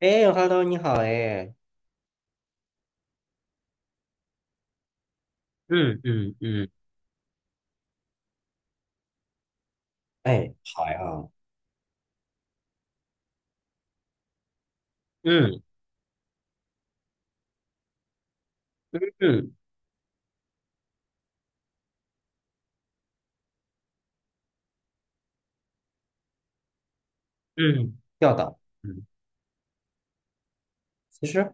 哎，Hello，你好，哎，嗯嗯嗯。哎，好呀。嗯嗯嗯，要的。嗯。其实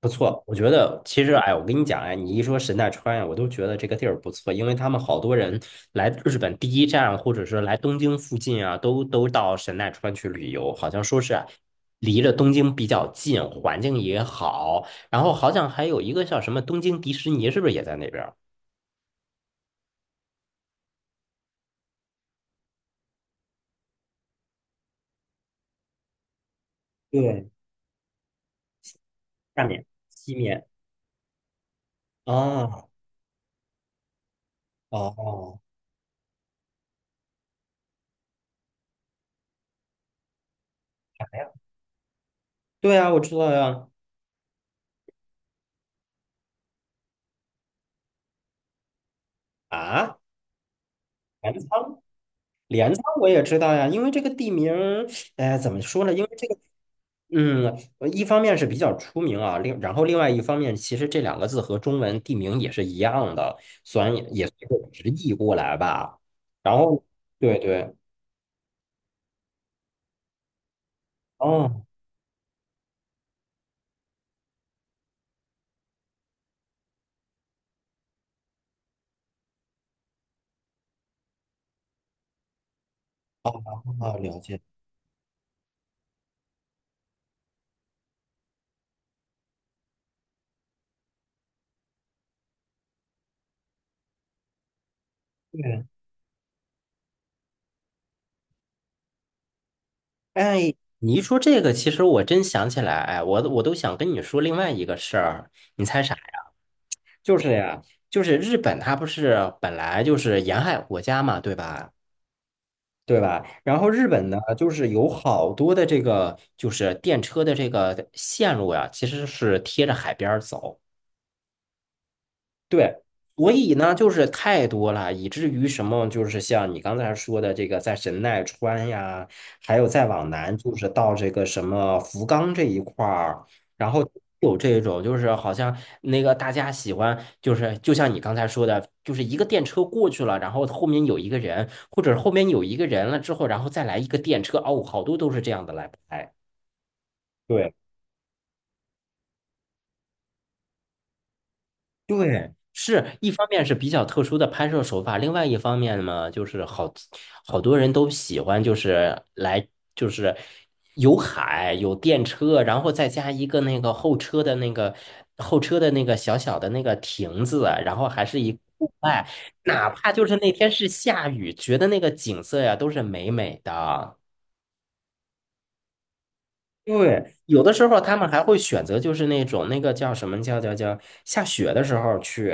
不错，我觉得，其实，哎，我跟你讲，哎，你一说神奈川呀，我都觉得这个地儿不错，因为他们好多人来日本第一站，或者是来东京附近啊，都到神奈川去旅游，好像说是啊，离着东京比较近，环境也好，然后好像还有一个叫什么东京迪士尼，是不是也在那边儿？对，下面，西面。哦哦哦。对啊，我知道呀。啊，镰仓。镰仓我也知道呀，因为这个地名儿。哎，怎么说呢？因为这个，一方面是比较出名啊，然后另外一方面，其实这两个字和中文地名也是一样的，虽然也随着直译过来吧。然后，对对，哦，哦，好了解。对，哎，你一说这个，其实我真想起来，哎，我都想跟你说另外一个事儿。你猜啥？就是呀，就是日本，它不是本来就是沿海国家嘛，对吧？对吧？然后日本呢，就是有好多的这个就是电车的这个线路呀，其实是贴着海边儿走。对，所以呢，就是太多了，以至于什么，就是像你刚才说的这个，在神奈川呀，还有再往南，就是到这个什么福冈这一块儿，然后有这种，就是好像那个大家喜欢，就是就像你刚才说的，就是一个电车过去了，然后后面有一个人，或者后面有一个人了之后，然后再来一个电车，哦，好多都是这样的来拍。对。对，是一方面是比较特殊的拍摄手法，另外一方面嘛，就是好多人都喜欢，就是来就是有海有电车，然后再加一个那个后车的那个小小的那个亭子啊，然后还是一个户外，哪怕就是那天是下雨，觉得那个景色呀都是美美的。对，有的时候他们还会选择，就是那种那个叫什么叫下雪的时候去，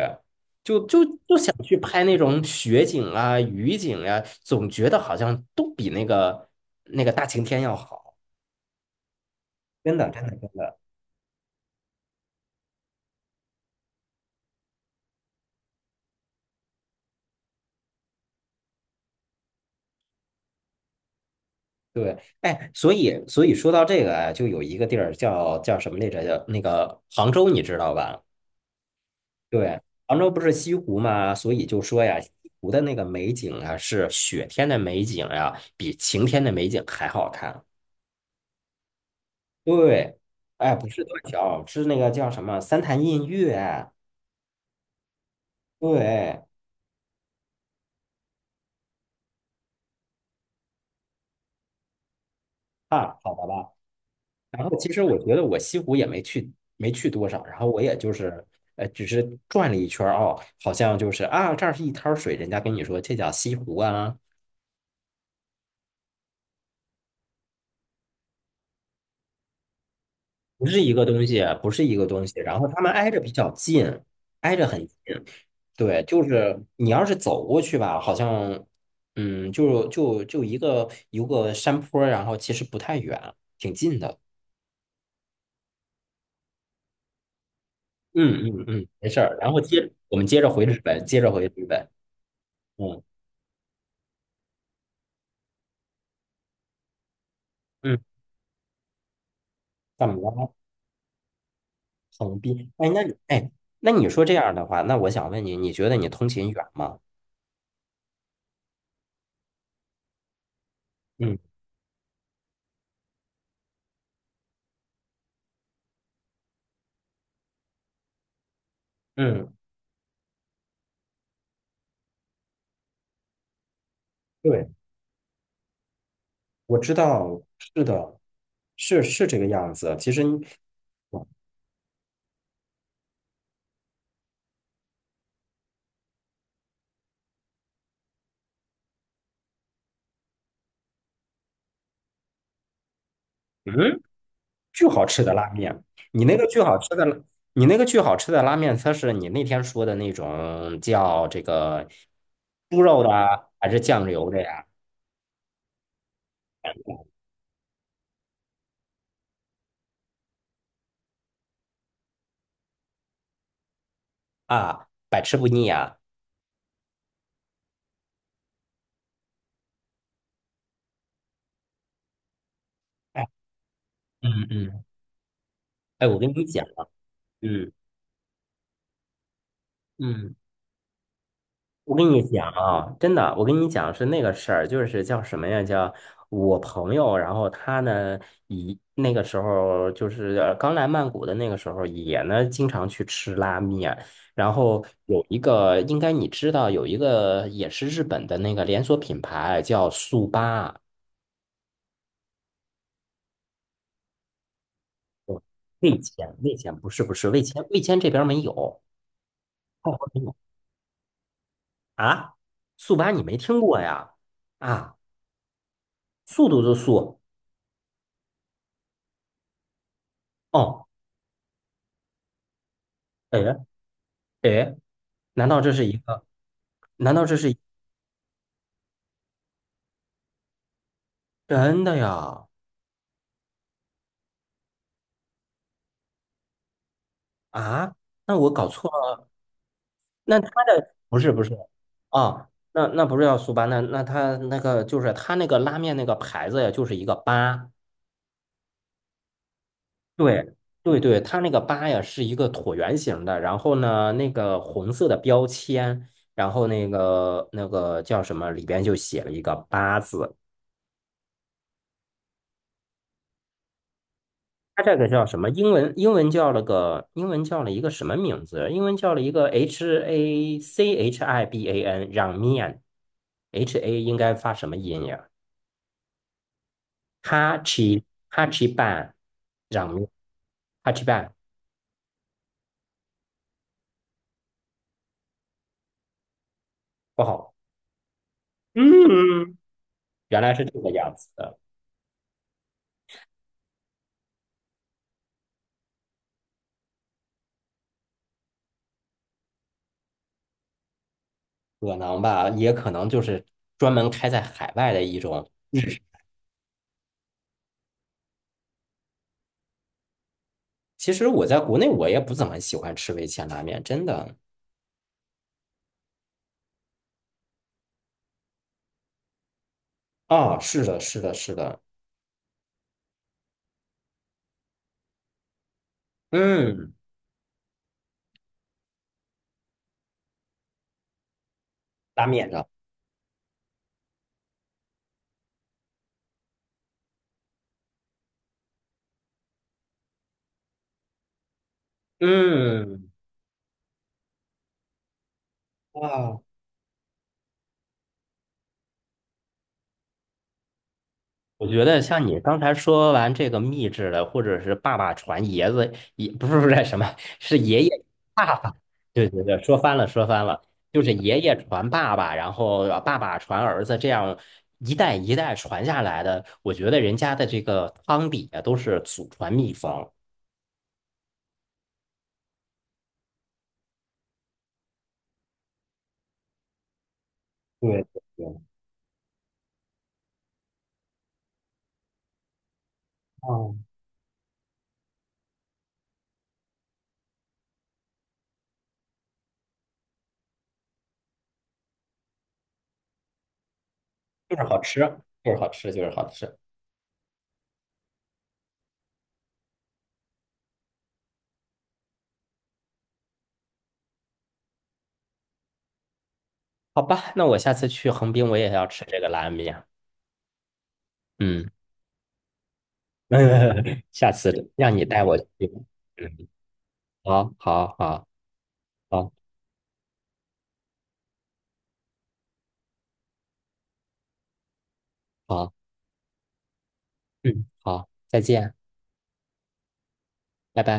就想去拍那种雪景啊、雨景啊，总觉得好像都比那个大晴天要好。真的，真的，真的，对。哎，所以说到这个啊，就有一个地儿叫什么来着？叫那个杭州，你知道吧？对，杭州不是西湖嘛，所以就说呀，西湖的那个美景啊，是雪天的美景呀、比晴天的美景还好看。对，哎，不是断桥，是那个叫什么三潭印月。对。啊，好的吧。然后其实我觉得我西湖也没去，没去多少。然后我也就是，只是转了一圈儿哦，好像就是啊，这儿是一滩水，人家跟你说这叫西湖啊，不是一个东西，不是一个东西。然后他们挨着比较近，挨着很近。对，就是你要是走过去吧，好像，就一个一个山坡儿，然后其实不太远，挺近的。嗯嗯嗯，没事儿。然后我们接着回日本，接着回日本。嗯嗯。怎么了？横滨？哎，那你说这样的话，那我想问你，你觉得你通勤远吗？嗯嗯，对，我知道，是的，是这个样子。其实你，嗯，巨好吃的拉面，你那个巨好吃的拉，你那个巨好吃的拉面，它是你那天说的那种叫这个猪肉的啊，还是酱油的呀？啊，百吃不腻啊。嗯嗯，哎，嗯嗯，我跟你讲啊，真的，我跟你讲是那个事儿，就是叫什么呀？叫我朋友，然后他呢，以那个时候就是刚来曼谷的那个时候，也呢经常去吃拉面，然后有一个应该你知道，有一个也是日本的那个连锁品牌叫速八。哦，味千。味千不是不是味千，味千这边儿没有，泰国没有啊，速八你没听过呀？啊。速度的速。哦，哎哎，难道这是一个？难道这是一真的呀？啊，那我搞错了。那他的不是不是啊，那不是叫速八，那他那个拉面那个牌子呀，就是一个八。对对对，它那个八呀是一个椭圆形的，然后呢，那个红色的标签，然后那个叫什么，里边就写了一个八字。它这个叫什么？英文叫了一个什么名字？英文叫了一个 H A C H I B A N 让面，H A 应该发什么音呀？哈奇哈奇办让面哈奇办。不好。原来是这个样子的。可能吧，也可能就是专门开在海外的一种。其实我在国内我也不怎么喜欢吃味千拉面，真的。啊，是的，是的，是的，嗯，拉面的。嗯。啊，我觉得像你刚才说完这个秘制的，或者是爸爸传爷子，也不是什么，是爷爷爸爸。对对对，说翻了说翻了，就是爷爷传爸爸，然后爸爸传儿子，这样一代一代传下来的。我觉得人家的这个汤底啊，都是祖传秘方。对对对。哦，就是好吃，就是好吃，就是好吃。好吧，那我下次去横滨，我也要吃这个拉面。嗯。下次让你带我去。嗯。好，好，好，好，好，嗯，好，再见，拜拜。